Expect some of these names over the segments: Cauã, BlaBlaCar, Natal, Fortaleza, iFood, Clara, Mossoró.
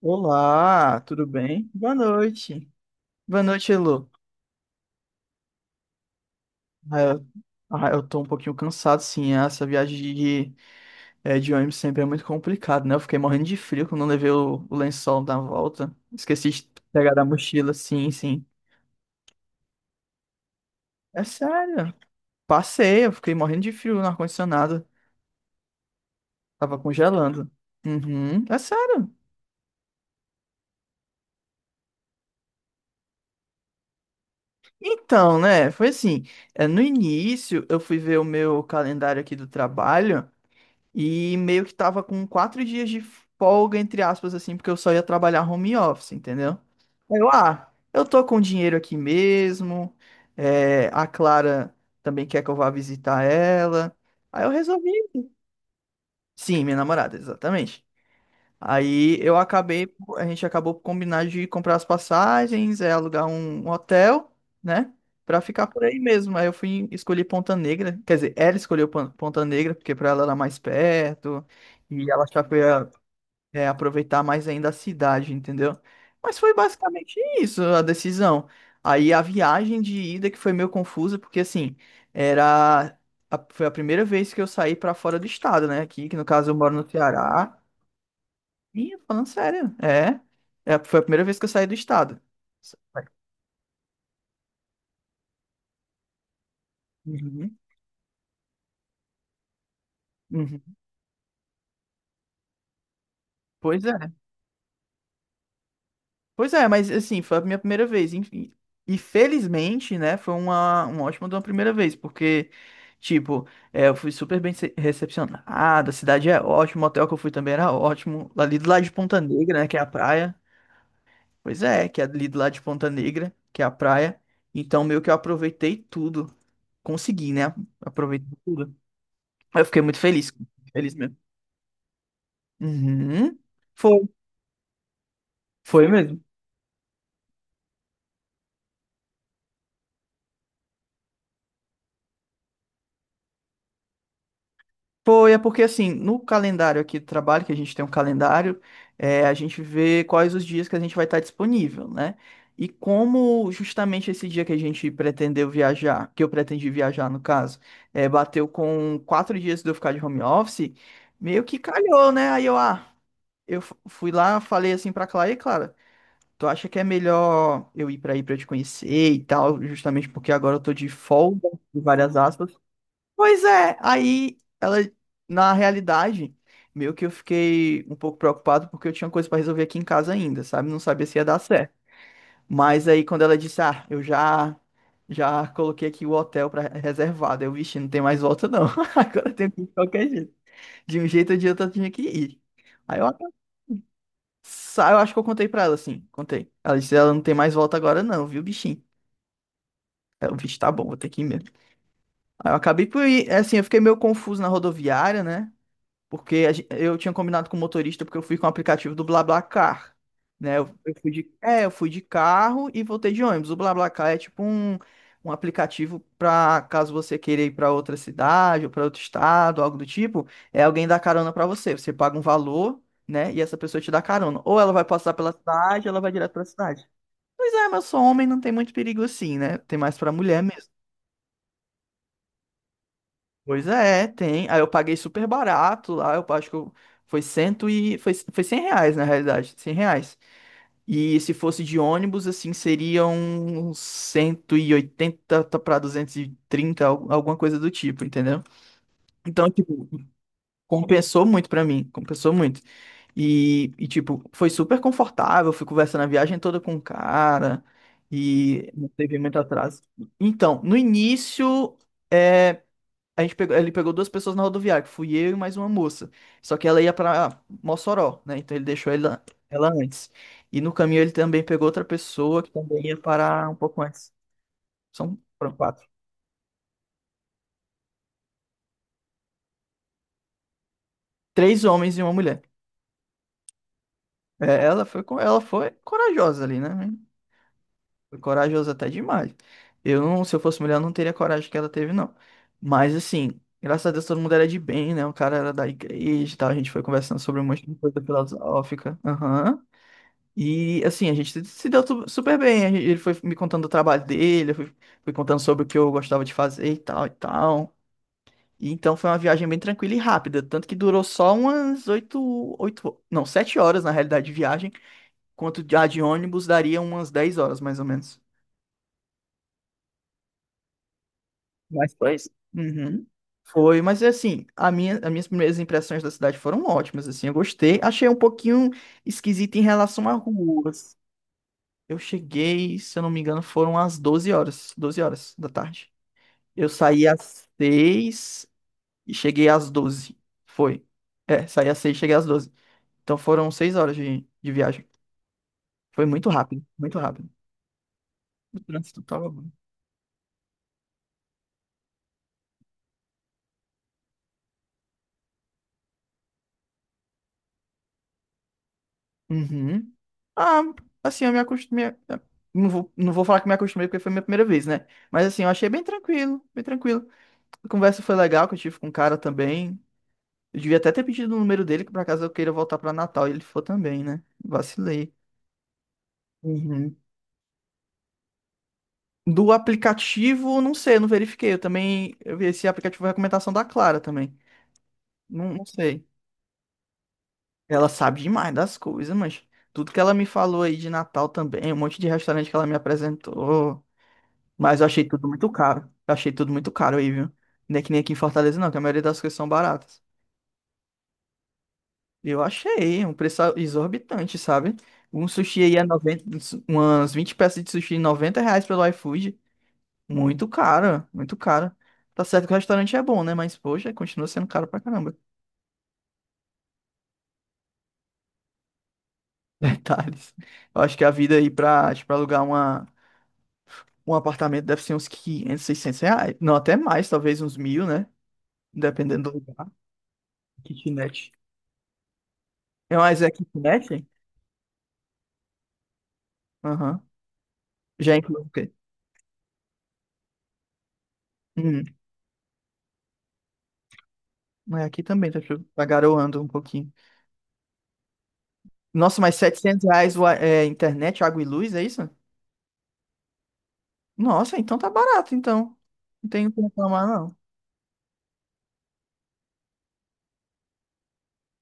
Olá, tudo bem? Boa noite. Boa noite, Elô. Ah, eu, eu tô um pouquinho cansado, sim. Essa viagem de ônibus sempre é muito complicado, né? Eu fiquei morrendo de frio quando eu levei o lençol na volta. Esqueci de pegar da mochila, sim, sim. É sério. Passei, eu fiquei morrendo de frio no ar-condicionado. Tava congelando. Uhum, é sério. Então, né? Foi assim. No início, eu fui ver o meu calendário aqui do trabalho. E meio que tava com 4 dias de folga, entre aspas, assim, porque eu só ia trabalhar home office, entendeu? Aí eu tô com dinheiro aqui mesmo. A Clara também quer que eu vá visitar ela. Aí eu resolvi. Sim, minha namorada, exatamente. Aí eu acabei, a gente acabou por combinar de comprar as passagens, alugar um hotel, né? Pra ficar por aí mesmo. Aí eu fui escolher Ponta Negra. Quer dizer, ela escolheu Ponta Negra, porque pra ela era mais perto. E ela achava que eu ia, aproveitar mais ainda a cidade, entendeu? Mas foi basicamente isso a decisão. Aí a viagem de ida que foi meio confusa, porque assim, era. Foi a primeira vez que eu saí pra fora do estado, né? Aqui, que no caso eu moro no Ceará. Ih, falando sério. É. É, foi a primeira vez que eu saí do estado. Uhum, uhum. Pois é. Pois é, mas assim, foi a minha primeira vez, enfim. E felizmente, né, foi uma ótima de uma primeira vez, porque, tipo, eu fui super bem recepcionado, a cidade é ótima, o hotel que eu fui também era ótimo, ali do lado de Ponta Negra, né, que é a praia. Pois é, que é ali do lado de Ponta Negra, que é a praia. Então, meio que eu aproveitei tudo, consegui, né, aproveitei tudo. Eu fiquei muito feliz, feliz mesmo. Uhum. Foi, foi mesmo. Foi, é porque assim, no calendário aqui do trabalho, que a gente tem um calendário, a gente vê quais os dias que a gente vai estar disponível, né? E como justamente esse dia que a gente pretendeu viajar, que eu pretendi viajar no caso, bateu com 4 dias de eu ficar de home office, meio que calhou, né? Aí eu fui lá, falei assim pra Clara, e Clara, tu acha que é melhor eu ir pra aí pra eu te conhecer e tal, justamente porque agora eu tô de folga, de várias aspas. Pois é, aí ela, na realidade, meio que eu fiquei um pouco preocupado porque eu tinha coisa pra resolver aqui em casa ainda, sabe? Não sabia se ia dar certo. Mas aí quando ela disse, eu já coloquei aqui o hotel para reservado, eu, vixe, não tem mais volta não. Agora tem que ir de qualquer jeito. De um jeito ou de outro eu tinha que ir. Aí eu, eu acho que eu contei pra ela assim, contei. Ela disse, ela não tem mais volta agora não, viu, bichinho? Aí eu, vixe, tá bom, vou ter que ir mesmo. Aí eu acabei por ir, assim, eu fiquei meio confuso na rodoviária, né? Porque eu tinha combinado com o motorista porque eu fui com o aplicativo do BlaBlaCar, né? Eu fui de carro e voltei de ônibus. O BlaBlaCar é tipo um aplicativo para caso você queira ir para outra cidade ou para outro estado, algo do tipo, é alguém dá carona para você. Você paga um valor, né? E essa pessoa te dá carona. Ou ela vai passar pela cidade, ou ela vai direto para a cidade. Pois é, mas eu sou homem, não tem muito perigo assim, né? Tem mais para mulher mesmo. Pois é, tem. Aí eu paguei super barato lá, eu acho que eu- foi cento e... Foi, foi R$ 100, na realidade, R$ 100. E se fosse de ônibus, assim, seriam 180 para 230, alguma coisa do tipo, entendeu? Então, tipo, compensou muito pra mim, compensou muito. E, tipo, foi super confortável, fui conversando a viagem toda com o cara e não teve muito atraso. Então, no início... é, ele pegou duas pessoas na rodoviária, que fui eu e mais uma moça. Só que ela ia pra Mossoró, né? Então ele deixou ela antes. E no caminho ele também pegou outra pessoa que também ia parar um pouco antes. São foram quatro. Três homens e uma mulher. É, ela foi corajosa ali, né? Foi corajosa até demais. Eu não, se eu fosse mulher, eu não teria a coragem que ela teve, não. Mas assim, graças a Deus todo mundo era de bem, né? O cara era da igreja e tal. A gente foi conversando sobre um monte de coisa filosófica. Aham. E assim, a gente se deu super bem. Ele foi me contando do trabalho dele, eu fui contando sobre o que eu gostava de fazer e tal e tal. E então foi uma viagem bem tranquila e rápida, tanto que durou só umas oito, oito, não, 7 horas na realidade de viagem, quanto a de ônibus daria umas 10 horas mais ou menos. Mas foi isso. Uhum. Foi, mas assim, as minhas primeiras impressões da cidade foram ótimas, assim, eu gostei. Achei um pouquinho esquisito em relação à rua. Eu cheguei, se eu não me engano, foram às 12 horas, 12 horas da tarde. Eu saí às 6 e cheguei às 12. Foi. É, saí às 6, e cheguei às 12. Então foram 6 horas de viagem. Foi muito rápido, muito rápido. O trânsito tava bom. Uhum. Ah, assim, eu me acostumei. Não vou falar que me acostumei porque foi minha primeira vez, né? Mas assim, eu achei bem tranquilo, bem tranquilo. A conversa foi legal que eu tive com o cara também. Eu devia até ter pedido o número dele, que por acaso eu queira voltar pra Natal e ele for também, né? Vacilei. Uhum. Do aplicativo, não sei, eu não verifiquei. Eu vi esse aplicativo foi recomendação da Clara também. Não, não sei. Ela sabe demais das coisas, mas tudo que ela me falou aí de Natal também, um monte de restaurante que ela me apresentou, mas eu achei tudo muito caro. Eu achei tudo muito caro aí, viu? Não é que nem aqui em Fortaleza, não, que a maioria das coisas são baratas. Eu achei um preço exorbitante, sabe? Um sushi aí é 90, umas 20 peças de sushi, R$ 90 pelo iFood. Muito caro, muito caro. Tá certo que o restaurante é bom, né? Mas, poxa, continua sendo caro pra caramba. Detalhes. Eu acho que a vida aí pra, tipo, alugar um apartamento deve ser uns 500, R$ 600. Não, até mais, talvez uns 1000, né? Dependendo do lugar. Kitnet. É mais é kitnet? Aham. Já inclui o quê? Hum. Mas aqui também tá garoando um pouquinho. Nossa, mas R$ 700 internet, água e luz, é isso? Nossa, então tá barato, então. Não tenho que reclamar, não.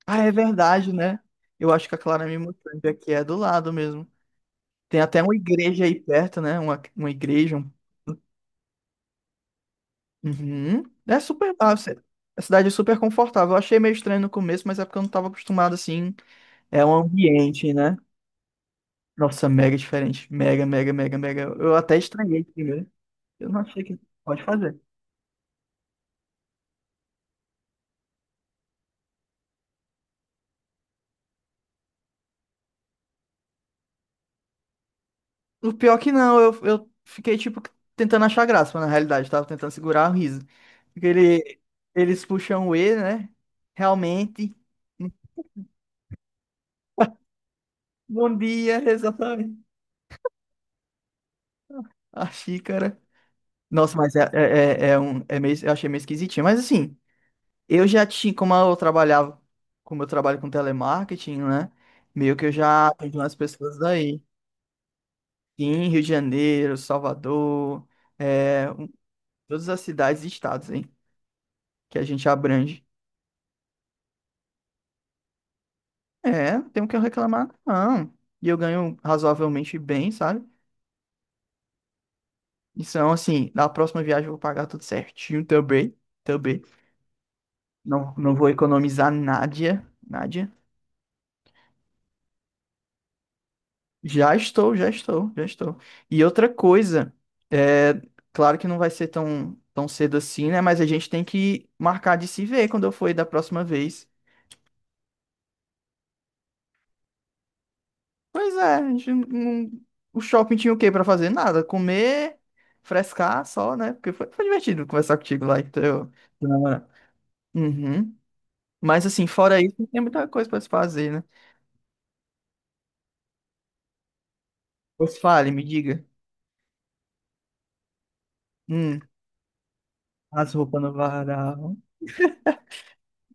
Ah, é verdade, né? Eu acho que a Clara me mostrou que aqui é do lado mesmo. Tem até uma igreja aí perto, né? Uma igreja. Uhum. É super. A cidade é super confortável. Eu achei meio estranho no começo, mas é porque eu não estava acostumado assim. É um ambiente, né? Nossa, mega diferente. Mega, mega, mega, mega. Eu até estranhei primeiro. Eu não achei que pode fazer. O pior que não, eu fiquei, tipo, tentando achar graça, mas na realidade, eu tava tentando segurar o riso. Porque eles puxam o E, né? Realmente. Bom dia, exatamente. A xícara. Nossa, mas é meio, eu achei meio esquisitinho. Mas assim, eu já tinha, como eu trabalho com telemarketing, né? Meio que eu já atendi umas pessoas daí. Em Rio de Janeiro, Salvador, é, um- todas as cidades e estados, hein? Que a gente abrange. É, não tenho o que eu reclamar, não. E eu ganho razoavelmente bem, sabe? Então, assim, na próxima viagem eu vou pagar tudo certinho também. Também. Não, não vou economizar nada. Nada. Já estou, já estou, já estou. E outra coisa, é, claro que não vai ser tão, tão cedo assim, né? Mas a gente tem que marcar de se ver quando eu for aí da próxima vez. Pois é, a gente não- o shopping tinha o quê pra fazer? Nada, comer, frescar só, né? Porque foi divertido conversar contigo lá, então. Ah. Uhum. Mas assim, fora isso, não tem muita coisa pra se fazer, né? Pois fale, me diga. Hum, as roupas no varal.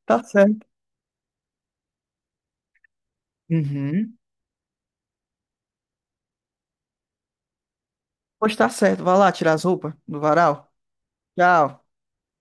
Tá certo. Uhum. Pois tá certo, vai lá tirar as roupas do varal. Tchau.